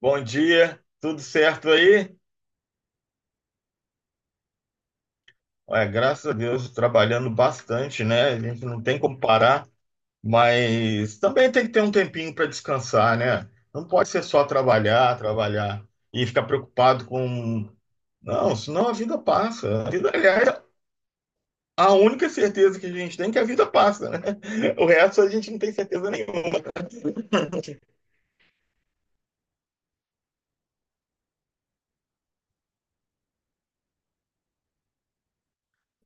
Bom dia, tudo certo aí? Ué, graças a Deus, trabalhando bastante, né? A gente não tem como parar, mas também tem que ter um tempinho para descansar, né? Não pode ser só trabalhar, trabalhar e ficar preocupado com. Não, senão a vida passa. A vida, aliás, a única certeza que a gente tem é que a vida passa, né? O resto a gente não tem certeza nenhuma.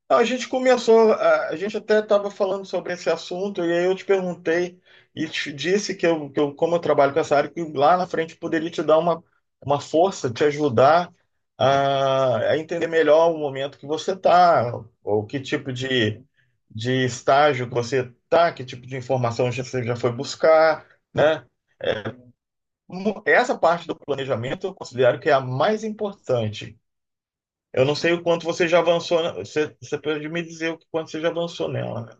A gente começou, a gente até estava falando sobre esse assunto, e aí eu te perguntei e te disse que eu, como eu trabalho com essa área, que lá na frente poderia te dar uma força, te ajudar a entender melhor o momento que você está, ou que tipo de estágio que você está, que tipo de informação você já foi buscar, né? Essa parte do planejamento eu considero que é a mais importante, eu não sei o quanto você já avançou. Você, pode me dizer o quanto você já avançou nela, né?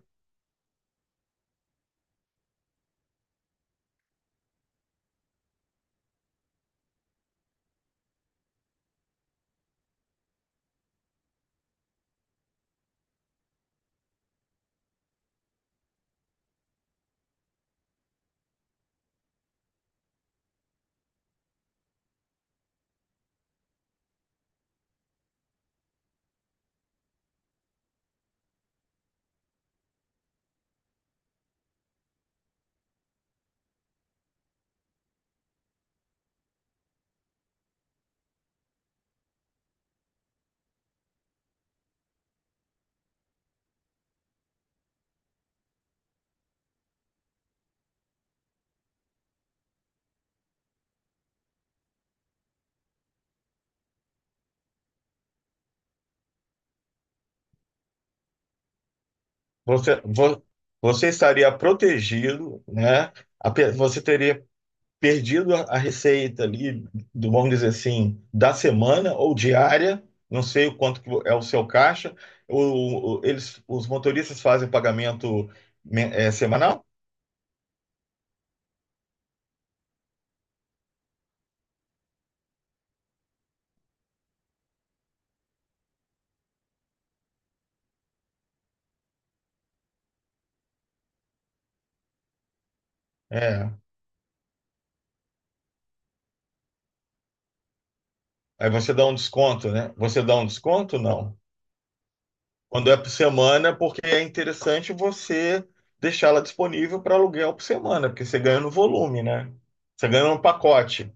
Você, vo- Você estaria protegido, né? Você teria perdido a receita ali, vamos dizer assim, da semana ou diária. Não sei o quanto que é o seu caixa. Os motoristas fazem pagamento, é, semanal? É. Aí você dá um desconto, né? Você dá um desconto? Não. Quando é por semana, porque é interessante você deixá-la disponível para aluguel por semana, porque você ganha no volume, né? Você ganha no pacote.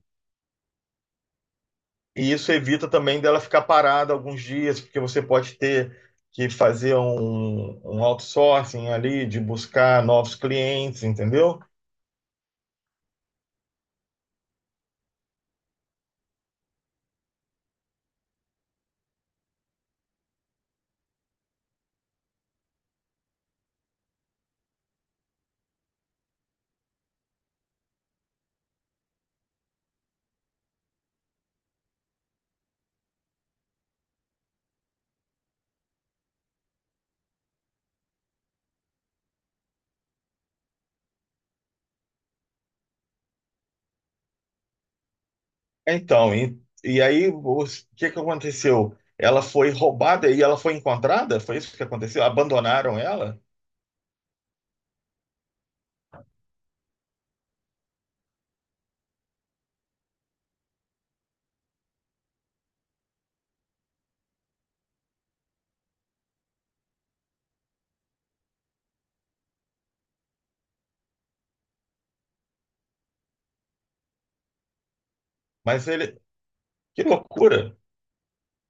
E isso evita também dela ficar parada alguns dias, porque você pode ter que fazer um, um outsourcing ali, de buscar novos clientes, entendeu? Então, e aí o que que aconteceu? Ela foi roubada e ela foi encontrada? Foi isso que aconteceu? Abandonaram ela? Mas ele, que loucura!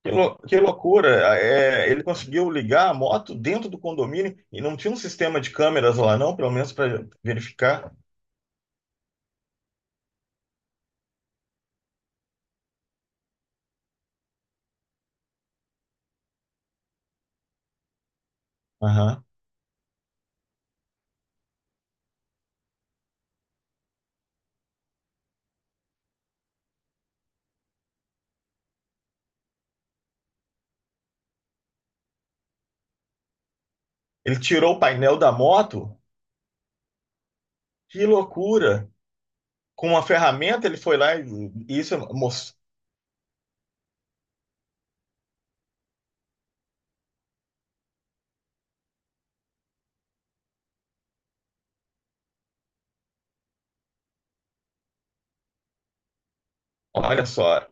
Que loucura! É, ele conseguiu ligar a moto dentro do condomínio e não tinha um sistema de câmeras lá, não, pelo menos para verificar. Aham. Ele tirou o painel da moto. Que loucura! Com uma ferramenta ele foi lá e isso, moço, olha só,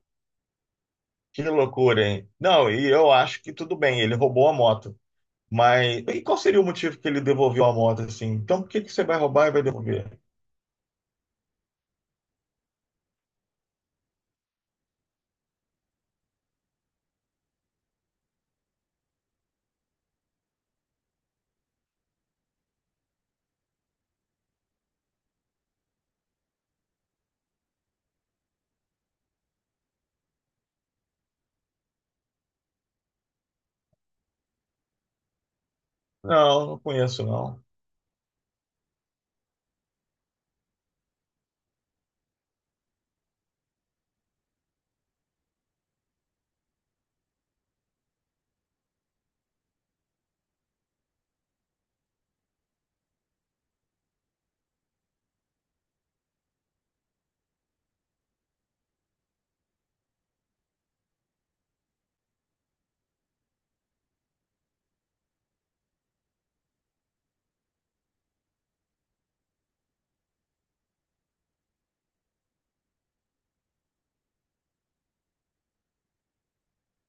que loucura, hein? Não, e eu acho que tudo bem, ele roubou a moto. Mas e qual seria o motivo que ele devolveu a moto assim? Então por que que você vai roubar e vai devolver? Não, não conheço, não.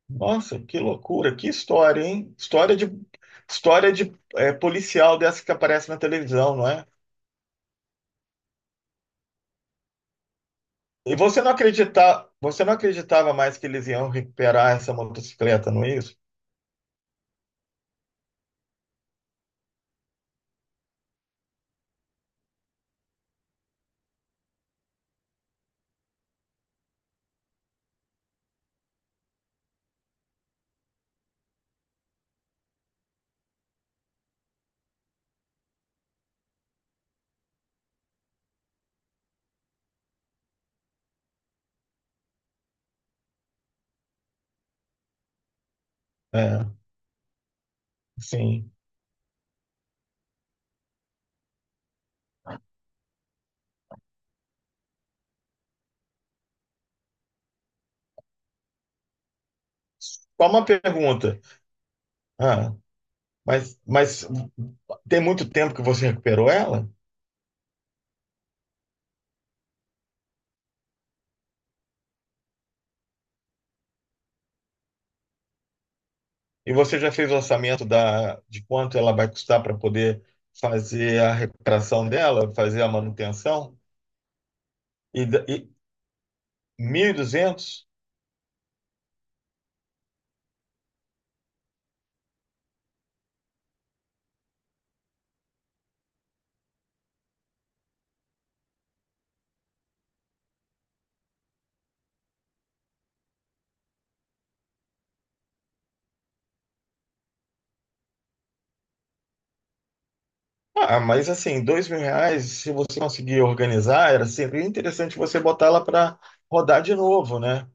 Nossa, que loucura, que história, hein? História de é, policial dessa que aparece na televisão, não é? E você não acredita, você não acreditava mais que eles iam recuperar essa motocicleta, não é isso? É, sim. Só uma pergunta. Ah, mas tem muito tempo que você recuperou ela? E você já fez o orçamento da, de quanto ela vai custar para poder fazer a recuperação dela, fazer a manutenção? E, da- e 1.200. Ah, mas assim, 2.000 reais, se você conseguir organizar, era sempre interessante você botar ela para rodar de novo, né?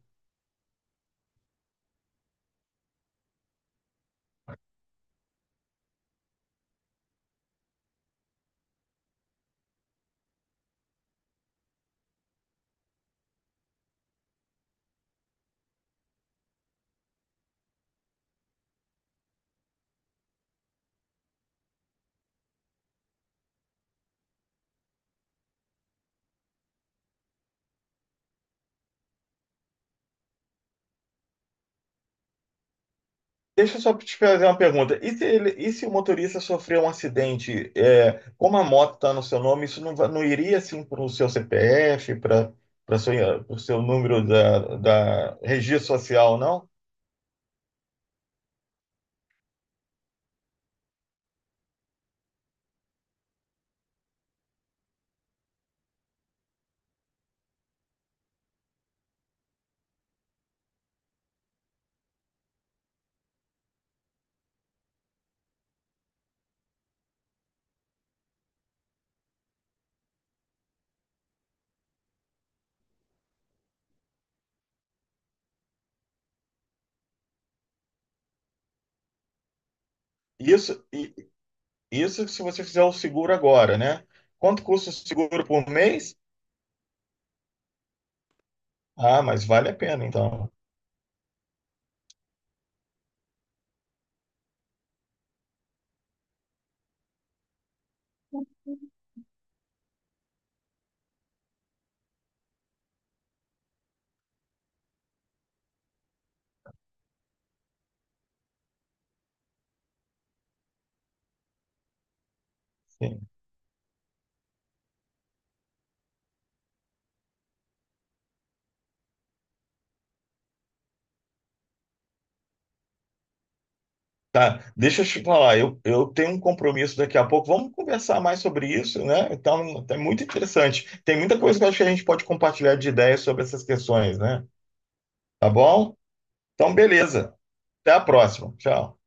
Deixa eu só te fazer uma pergunta. E se, e se o motorista sofreu um acidente, é, como a moto está no seu nome, não iria assim para o seu CPF, para o seu número da registro social, não? Isso, isso se você fizer o seguro agora, né? Quanto custa o seguro por mês? Ah, mas vale a pena, então. Tá, deixa eu te falar, eu tenho um compromisso daqui a pouco. Vamos conversar mais sobre isso, né? Então, é muito interessante. Tem muita coisa que eu acho que a gente pode compartilhar de ideias sobre essas questões, né? Tá bom? Então, beleza. Até a próxima. Tchau.